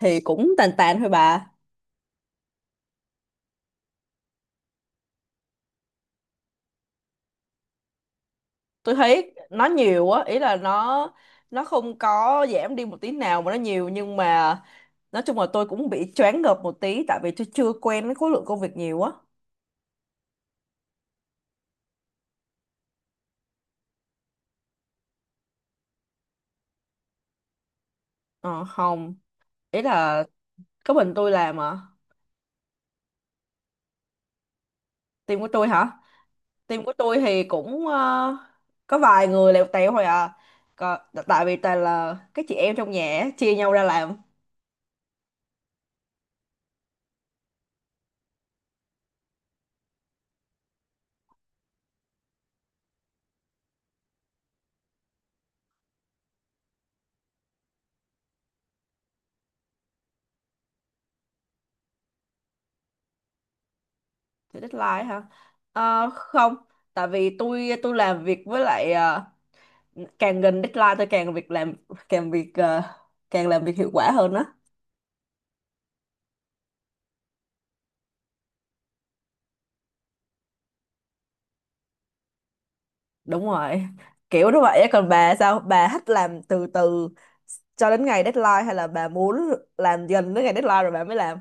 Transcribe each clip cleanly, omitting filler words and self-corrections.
Thì cũng tàn tàn thôi bà. Tôi thấy nó nhiều á, ý là nó không có giảm đi một tí nào mà nó nhiều, nhưng mà nói chung là tôi cũng bị choáng ngợp một tí, tại vì tôi chưa quen với khối lượng công việc nhiều á. Ờ không, ý là có mình tôi làm à. Team của tôi hả? Team của tôi thì cũng có vài người lèo tèo thôi à. Còn, tại vì toàn là các chị em trong nhà á, chia nhau ra làm. Thì deadline hả? Ờ, không, tại vì tôi làm việc với lại càng gần deadline tôi càng việc làm càng việc ờ, càng làm việc hiệu quả hơn á. Đúng rồi, kiểu như vậy á. Còn bà sao, bà thích làm từ từ cho đến ngày deadline, hay là bà muốn làm dần đến ngày deadline rồi bà mới làm?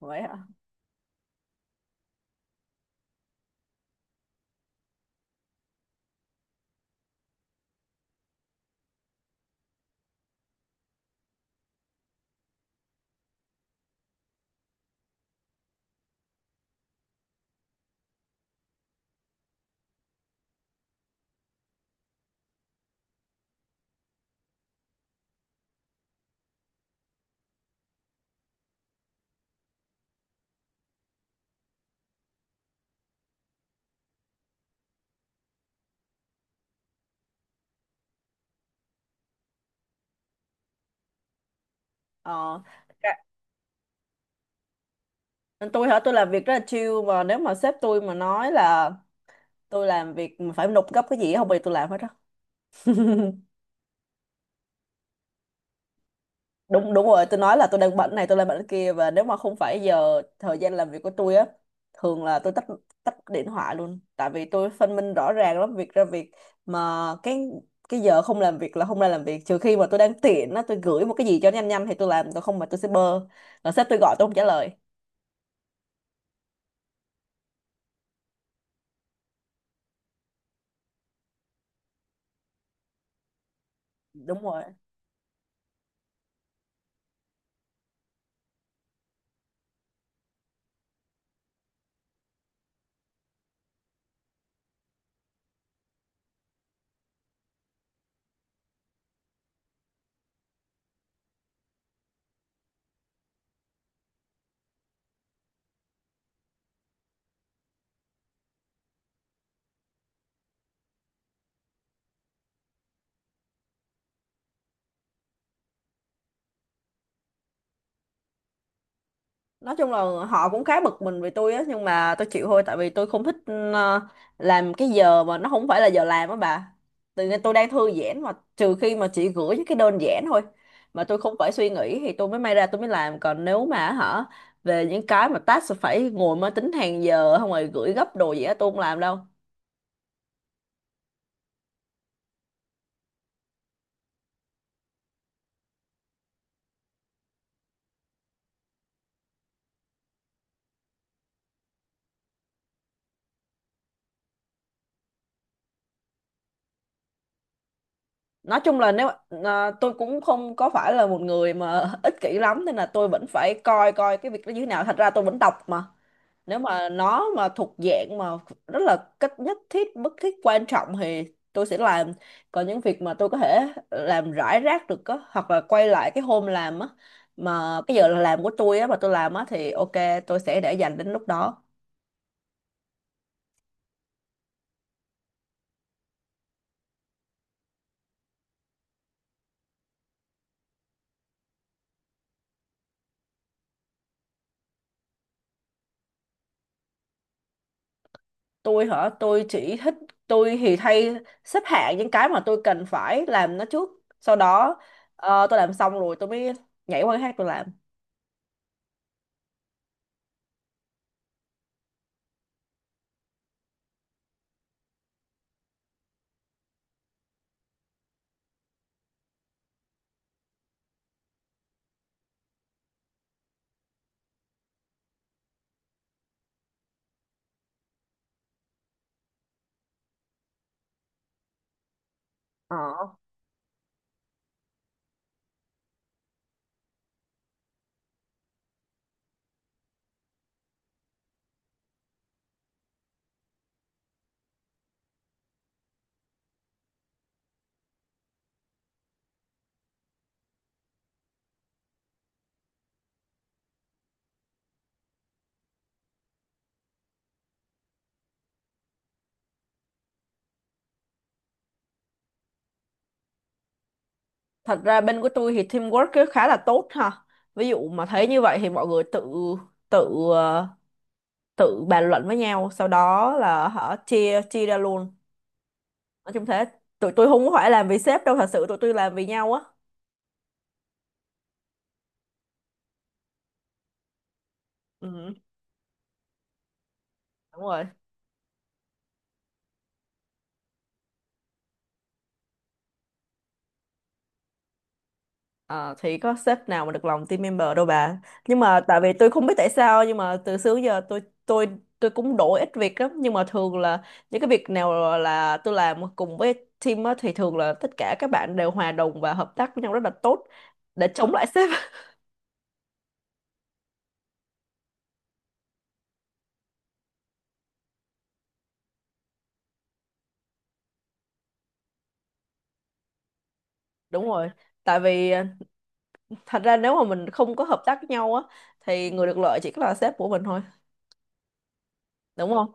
Vậy hả? Ờ. Dạ. Tôi hả? Tôi làm việc rất là chill, mà nếu mà sếp tôi mà nói là tôi làm việc mà phải nộp gấp cái gì á, không bao giờ tôi làm hết á. Đúng đúng rồi, tôi nói là tôi đang bận này, tôi đang bận kia, và nếu mà không phải giờ thời gian làm việc của tôi á, thường là tôi tắt, tắt điện thoại luôn, tại vì tôi phân minh rõ ràng lắm, việc ra việc. Mà cái giờ không làm việc là không ra làm việc, trừ khi mà tôi đang tiện á, tôi gửi một cái gì cho nhanh nhanh thì tôi làm, tôi không, mà tôi sẽ bơ. Rồi sếp tôi gọi tôi không trả lời. Đúng rồi. Nói chung là họ cũng khá bực mình về tôi á, nhưng mà tôi chịu thôi, tại vì tôi không thích ờ, làm cái giờ mà nó không phải là giờ làm á bà. Tự nhiên tôi đang thư giãn, mà trừ khi mà chị gửi những cái đơn giản thôi, mà tôi không phải suy nghĩ, thì tôi mới may ra tôi mới làm, còn nếu mà hả về những cái mà task phải ngồi máy tính hàng giờ không, rồi gửi gấp đồ gì á, tôi không làm đâu. Nói chung là nếu tôi cũng không có phải là một người mà ích kỷ lắm, nên là tôi vẫn phải coi coi cái việc đó như thế nào, thật ra tôi vẫn đọc mà. Nếu mà nó mà thuộc dạng mà rất là cách nhất thiết bất thiết quan trọng thì tôi sẽ làm. Còn những việc mà tôi có thể làm rải rác được á, hoặc là quay lại cái hôm làm á, mà cái giờ làm của tôi á, mà tôi làm á, thì ok, tôi sẽ để dành đến lúc đó. Tôi hả? Tôi chỉ thích, tôi thì thay, xếp hạng những cái mà tôi cần phải làm nó trước, sau đó tôi làm xong rồi tôi mới nhảy qua cái khác tôi làm. Ờ. Thật ra bên của tôi thì teamwork cứ khá là tốt ha. Ví dụ mà thấy như vậy thì mọi người tự tự ờ, tự bàn luận với nhau, sau đó là họ chia chia ra luôn. Nói chung thế. Tụi tôi không có phải làm vì sếp đâu, thật sự tụi tôi làm vì nhau á. Ừ, đúng rồi. Ờ, thì có sếp nào mà được lòng team member đâu bà. Nhưng mà tại vì tôi không biết tại sao, nhưng mà từ xưa đến giờ tôi cũng đổi ít việc lắm, nhưng mà thường là những cái việc nào là tôi làm cùng với team á, thì thường là tất cả các bạn đều hòa đồng và hợp tác với nhau rất là tốt để chống lại sếp. Đúng rồi, tại vì thật ra nếu mà mình không có hợp tác với nhau á, thì người được lợi chỉ có là sếp của mình thôi. Đúng không?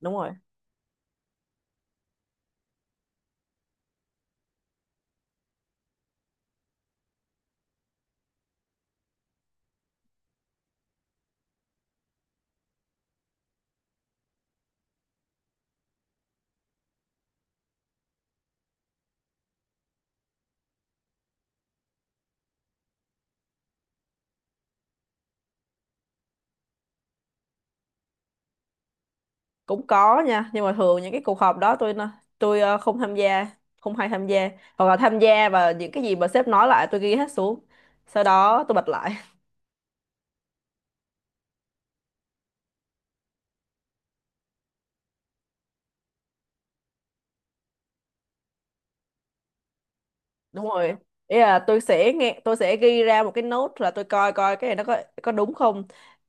Đúng rồi. Cũng có nha, nhưng mà thường những cái cuộc họp đó tôi không tham gia, không hay tham gia, hoặc là tham gia và những cái gì mà sếp nói lại tôi ghi hết xuống, sau đó tôi bật lại. Đúng rồi, ý là tôi sẽ nghe, tôi sẽ ghi ra một cái note, là tôi coi coi cái này nó có đúng không.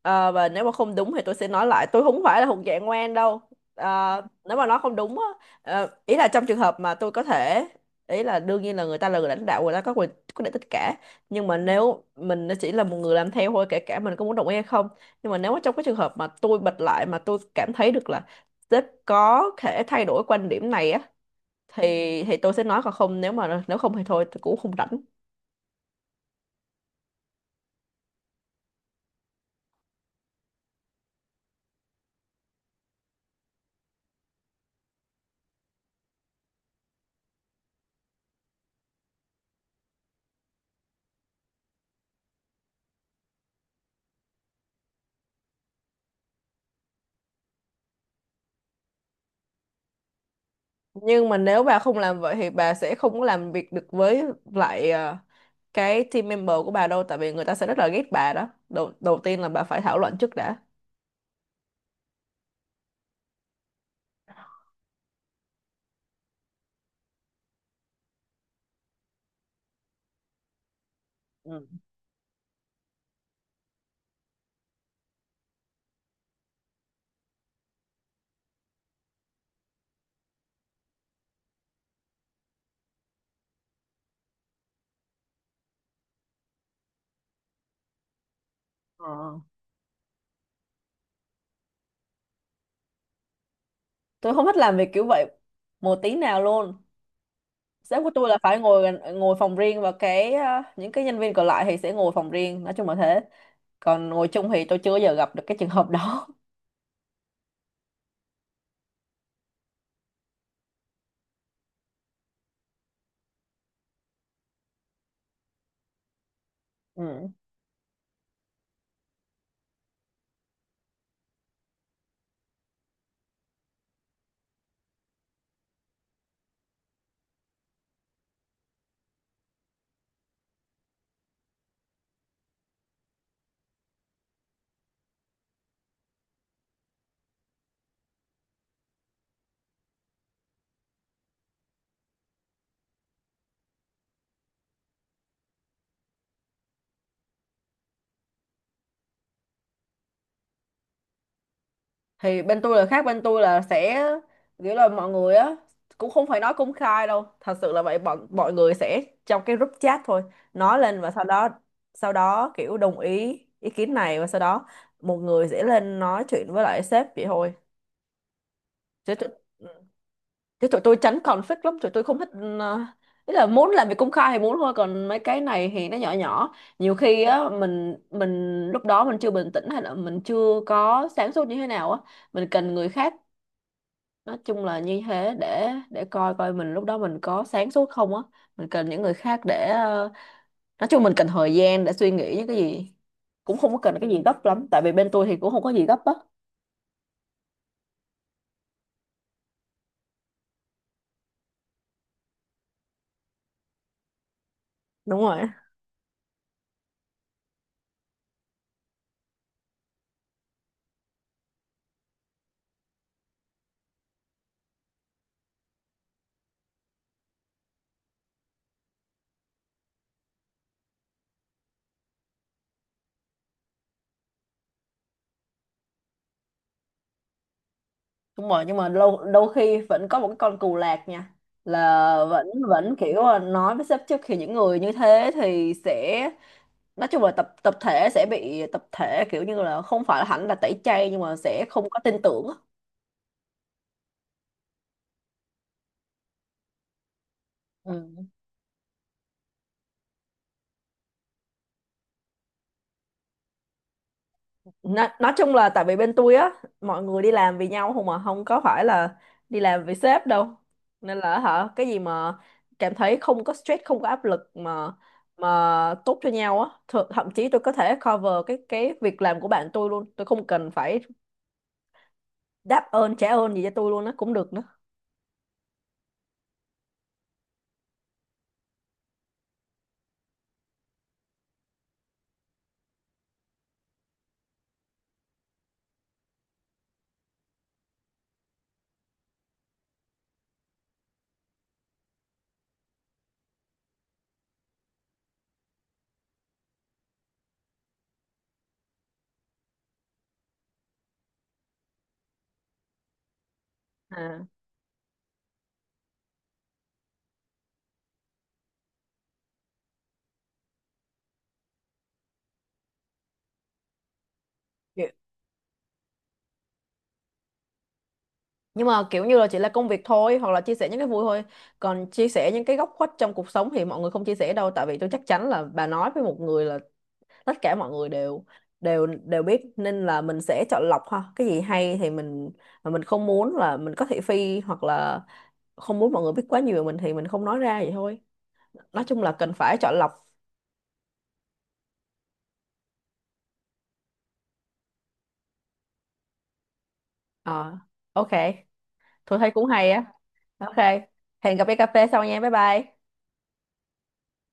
Ờ, và nếu mà không đúng thì tôi sẽ nói lại, tôi không phải là thuộc dạng ngoan đâu. Ờ, nếu mà nó không đúng á, ý là trong trường hợp mà tôi có thể, ý là đương nhiên là người ta là người lãnh đạo, người ta có quyền quyết định tất cả, nhưng mà nếu mình chỉ là một người làm theo thôi, kể cả mình có muốn đồng ý hay không, nhưng mà nếu mà trong cái trường hợp mà tôi bật lại mà tôi cảm thấy được là sếp có thể thay đổi quan điểm này á, thì thì tôi sẽ nói, còn không, nếu mà nếu không thì thôi, tôi cũng không rảnh. Nhưng mà nếu bà không làm vậy thì bà sẽ không có làm việc được với lại cái team member của bà đâu, tại vì người ta sẽ rất là ghét bà đó. Đầu đầu tiên là bà phải thảo luận trước đã. Ừ. Ờ. Tôi không thích làm việc kiểu vậy một tí nào luôn. Sếp của tôi là phải ngồi phòng riêng, và cái những cái nhân viên còn lại thì sẽ ngồi phòng riêng, nói chung là thế. Còn ngồi chung thì tôi chưa bao giờ gặp được cái trường hợp đó. Thì bên tôi là khác, bên tôi là sẽ kiểu là mọi người á cũng không phải nói công khai đâu, thật sự là vậy, bọn mọi người sẽ trong cái group chat thôi nói lên, và sau đó kiểu đồng ý ý kiến này, và sau đó một người sẽ lên nói chuyện với lại sếp, vậy thôi. chứ tụi, Chứ tụi tôi tránh conflict lắm, tụi tôi không thích, ờ, ý là muốn làm việc công khai thì muốn thôi, còn mấy cái này thì nó nhỏ nhỏ, nhiều khi á mình lúc đó mình chưa bình tĩnh, hay là mình chưa có sáng suốt như thế nào á, mình cần người khác, nói chung là như thế, để coi coi mình lúc đó mình có sáng suốt không á. Mình cần những người khác để nói chung mình cần thời gian để suy nghĩ những cái gì. Cũng không có cần cái gì gấp lắm, tại vì bên tôi thì cũng không có gì gấp á. Đúng rồi. Đúng rồi, nhưng mà lâu đôi khi vẫn có một cái con cù lạc nha, là vẫn vẫn kiểu là nói với sếp trước, thì những người như thế thì sẽ, nói chung là tập tập thể sẽ bị tập thể, kiểu như là không phải là hẳn là tẩy chay, nhưng mà sẽ không có tin tưởng á. Ừ. Nói chung là tại vì bên tôi á, mọi người đi làm vì nhau không, mà không có phải là đi làm vì sếp đâu. Nên là hả, cái gì mà cảm thấy không có stress, không có áp lực mà tốt cho nhau á, thậm chí tôi có thể cover cái việc làm của bạn tôi luôn, tôi không cần phải đáp ơn trả ơn gì cho tôi luôn á, cũng được nữa. à kiểu- nhưng mà kiểu như là chỉ là công việc thôi, hoặc là chia sẻ những cái vui thôi, còn chia sẻ những cái góc khuất trong cuộc sống thì mọi người không chia sẻ đâu, tại vì tôi chắc chắn là bà nói với một người là tất cả mọi người đều đều đều biết, nên là mình sẽ chọn lọc ha, cái gì hay thì mình, mà mình không muốn là mình có thị phi, hoặc là không muốn mọi người biết quá nhiều về mình thì mình không nói ra vậy thôi. Nói chung là cần phải chọn lọc. Ờ, ok. Tôi thấy cũng hay á. Ok, hẹn gặp đi cà phê sau nha, bye bye.